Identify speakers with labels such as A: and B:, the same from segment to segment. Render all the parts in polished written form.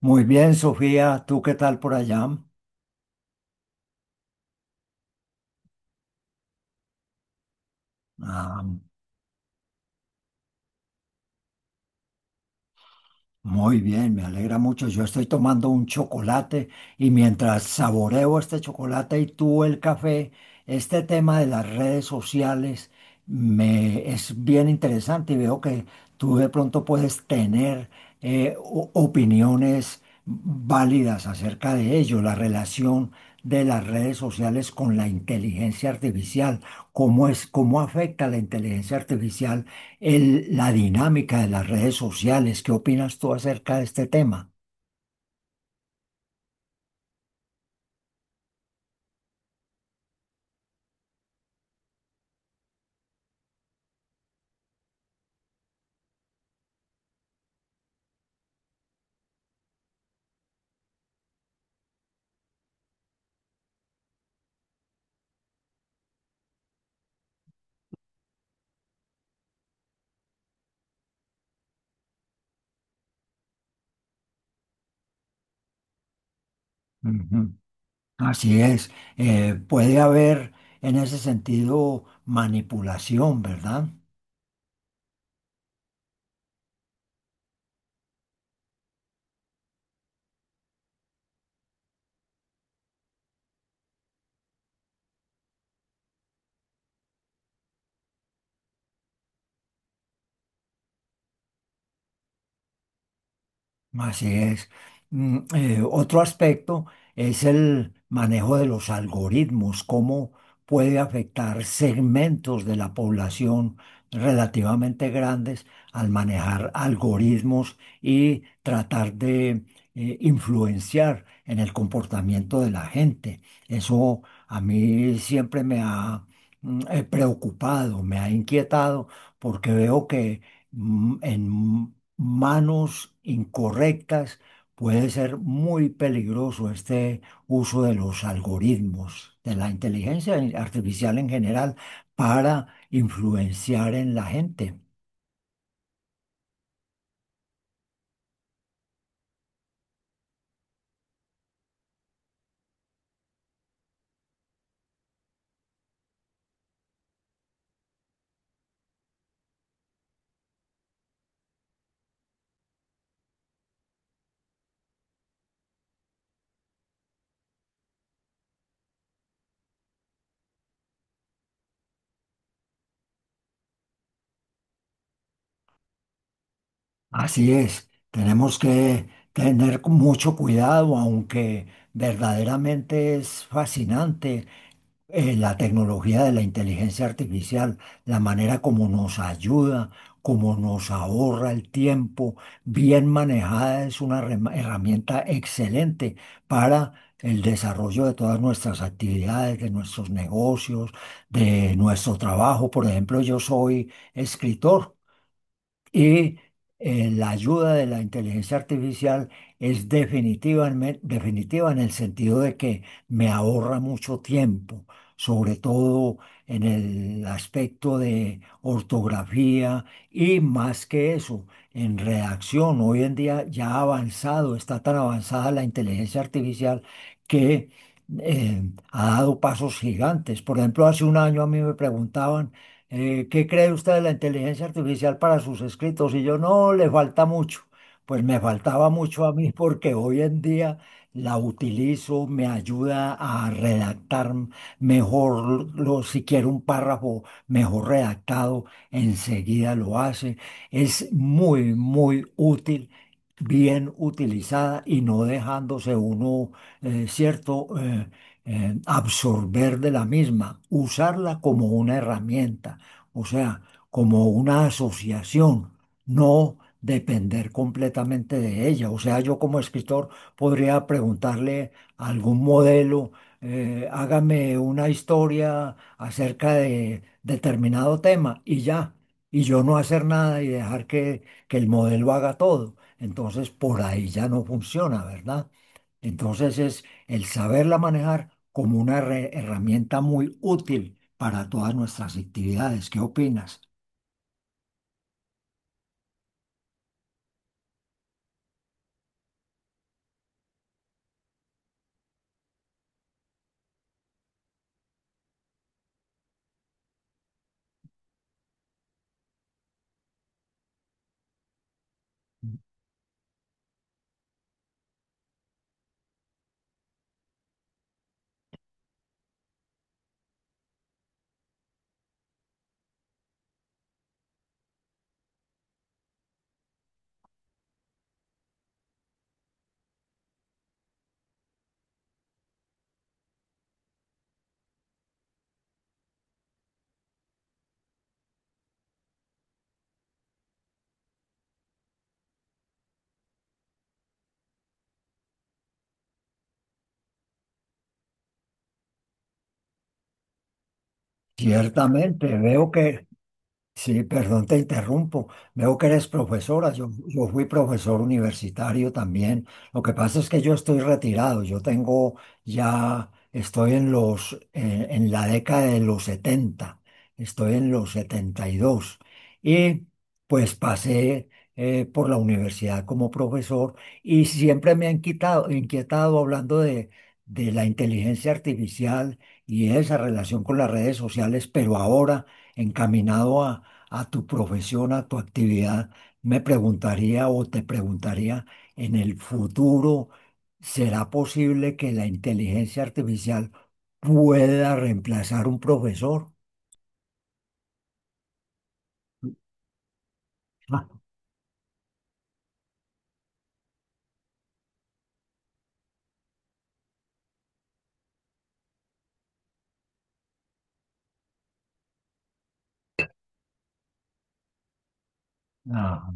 A: Muy bien, Sofía, ¿tú qué tal por allá? Ah, muy bien, me alegra mucho. Yo estoy tomando un chocolate y mientras saboreo este chocolate y tú el café, este tema de las redes sociales me es bien interesante y veo que tú de pronto puedes tener opiniones válidas acerca de ello, la relación de las redes sociales con la inteligencia artificial, cómo es, cómo afecta la inteligencia artificial la dinámica de las redes sociales. ¿Qué opinas tú acerca de este tema? Ujú. Así es. Puede haber en ese sentido manipulación, ¿verdad? Así es. Otro aspecto es el manejo de los algoritmos, cómo puede afectar segmentos de la población relativamente grandes al manejar algoritmos y tratar de influenciar en el comportamiento de la gente. Eso a mí siempre me ha preocupado, me ha inquietado, porque veo que en manos incorrectas, puede ser muy peligroso este uso de los algoritmos, de la inteligencia artificial en general, para influenciar en la gente. Así es, tenemos que tener mucho cuidado, aunque verdaderamente es fascinante la tecnología de la inteligencia artificial, la manera como nos ayuda, como nos ahorra el tiempo, bien manejada es una herramienta excelente para el desarrollo de todas nuestras actividades, de nuestros negocios, de nuestro trabajo. Por ejemplo, yo soy escritor. Y la ayuda de la inteligencia artificial es definitiva, en definitiva en el sentido de que me ahorra mucho tiempo, sobre todo en el aspecto de ortografía y más que eso, en redacción. Hoy en día ya ha avanzado, está tan avanzada la inteligencia artificial que eh, ha dado pasos gigantes. Por ejemplo, hace un año a mí me preguntaban ¿qué cree usted de la inteligencia artificial para sus escritos? Y yo, no, le falta mucho. Pues me faltaba mucho a mí porque hoy en día la utilizo, me ayuda a redactar mejor, lo, si quiero un párrafo mejor redactado, enseguida lo hace. Es muy, muy útil, bien utilizada y no dejándose uno, eh, cierto, eh, absorber de la misma, usarla como una herramienta, o sea, como una asociación, no depender completamente de ella. O sea, yo como escritor podría preguntarle a algún modelo, hágame una historia acerca de determinado tema y ya, y yo no hacer nada y dejar que el modelo haga todo. Entonces, por ahí ya no funciona, ¿verdad? Entonces es el saberla manejar como una herramienta muy útil para todas nuestras actividades. ¿Qué opinas? Ciertamente, veo que. Sí, perdón, te interrumpo. Veo que eres profesora. Yo fui profesor universitario también. Lo que pasa es que yo estoy retirado. Yo tengo ya, estoy en los, en la década de los 70. Estoy en los 72. Y dos. Y pues pasé por la universidad como profesor y siempre me han inquietado hablando de la inteligencia artificial y esa relación con las redes sociales, pero ahora encaminado a tu profesión, a tu actividad, me preguntaría o te preguntaría, en el futuro, ¿será posible que la inteligencia artificial pueda reemplazar un profesor? Ah,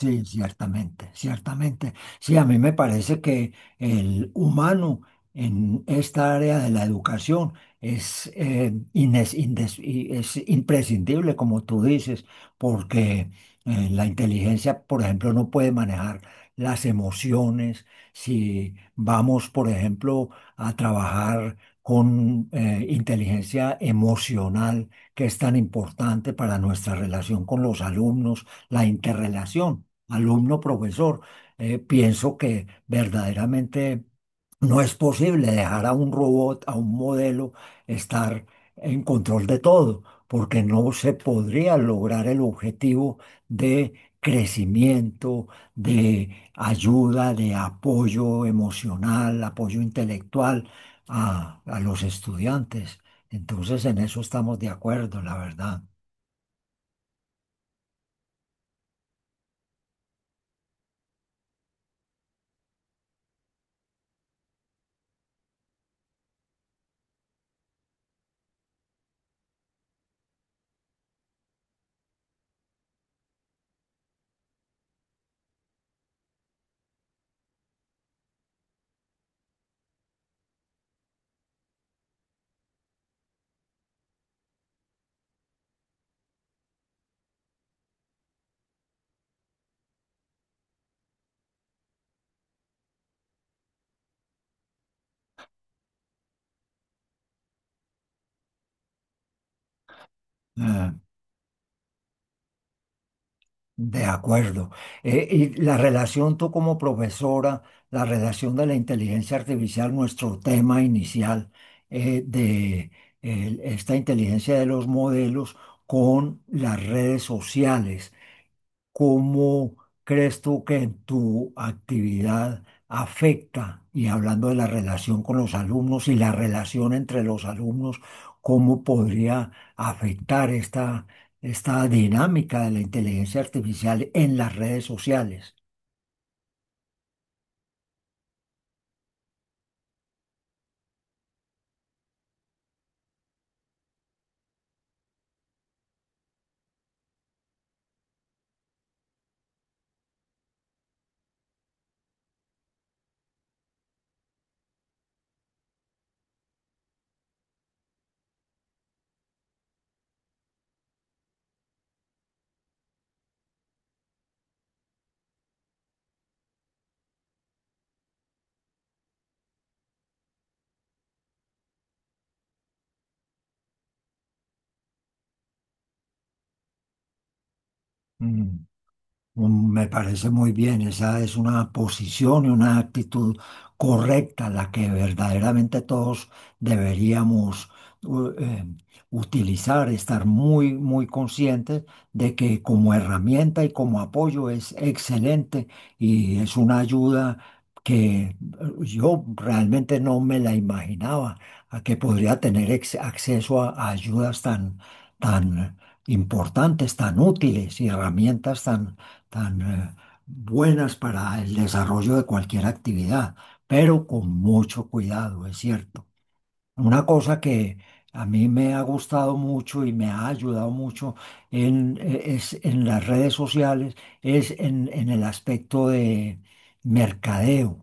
A: sí, ciertamente, ciertamente. Sí, a mí me parece que el humano en esta área de la educación es, y es imprescindible, como tú dices, porque la inteligencia, por ejemplo, no puede manejar las emociones. Si vamos, por ejemplo, a trabajar con inteligencia emocional, que es tan importante para nuestra relación con los alumnos, la interrelación alumno, profesor. Pienso que verdaderamente no es posible dejar a un robot, a un modelo, estar en control de todo, porque no se podría lograr el objetivo de crecimiento, de ayuda, de apoyo emocional, apoyo intelectual a los estudiantes. Entonces, en eso estamos de acuerdo, la verdad. Ah. De acuerdo. Y la relación tú como profesora, la relación de la inteligencia artificial, nuestro tema inicial eh, de esta inteligencia de los modelos con las redes sociales. ¿Cómo crees tú que en tu actividad afecta, y hablando de la relación con los alumnos y la relación entre los alumnos, cómo podría afectar esta, esta dinámica de la inteligencia artificial en las redes sociales? Mm. Mm, me parece muy bien, esa es una posición y una actitud correcta, la que verdaderamente todos deberíamos u- eh, utilizar, estar muy, muy conscientes de que como herramienta y como apoyo es excelente y es una ayuda que yo realmente no me la imaginaba, a que podría tener acceso a ayudas tan, tan importantes, tan útiles y herramientas tan tan buenas para el desarrollo de cualquier actividad, pero con mucho cuidado, es cierto. Una cosa que a mí me ha gustado mucho y me ha ayudado mucho en, es en las redes sociales es en el aspecto de mercadeo.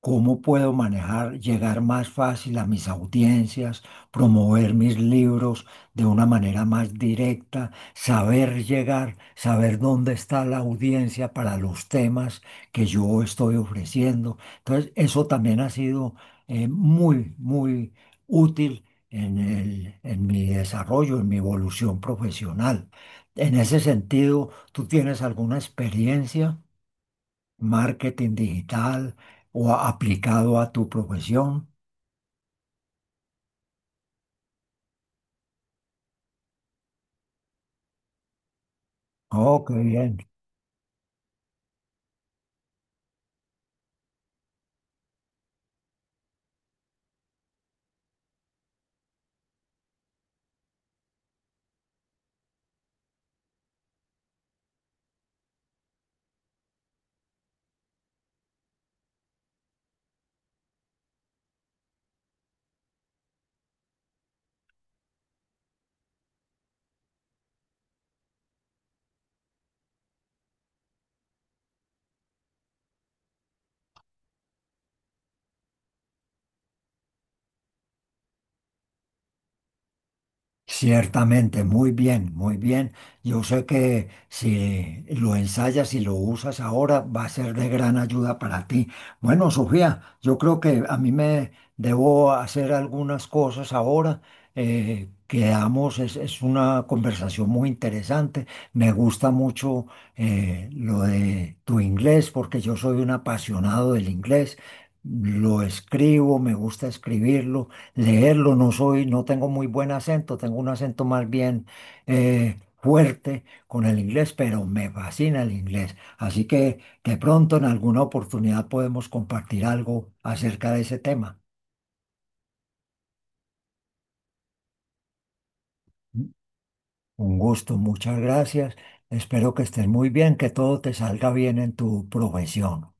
A: ¿Cómo puedo manejar, llegar más fácil a mis audiencias, promover mis libros de una manera más directa, saber llegar, saber dónde está la audiencia para los temas que yo estoy ofreciendo? Entonces, eso también ha sido muy, muy útil en en mi desarrollo, en mi evolución profesional. En ese sentido, ¿tú tienes alguna experiencia, marketing digital o aplicado a tu profesión? Oh, qué bien. Ciertamente, muy bien, muy bien. Yo sé que si lo ensayas y lo usas ahora va a ser de gran ayuda para ti. Bueno, Sofía, yo creo que a mí me debo hacer algunas cosas ahora. Quedamos, es una conversación muy interesante. Me gusta mucho lo de tu inglés porque yo soy un apasionado del inglés. Lo escribo, me gusta escribirlo, leerlo. No soy, no tengo muy buen acento, tengo un acento más bien fuerte con el inglés, pero me fascina el inglés. Así que de pronto en alguna oportunidad podemos compartir algo acerca de ese tema. Un gusto, muchas gracias. Espero que estés muy bien, que todo te salga bien en tu profesión.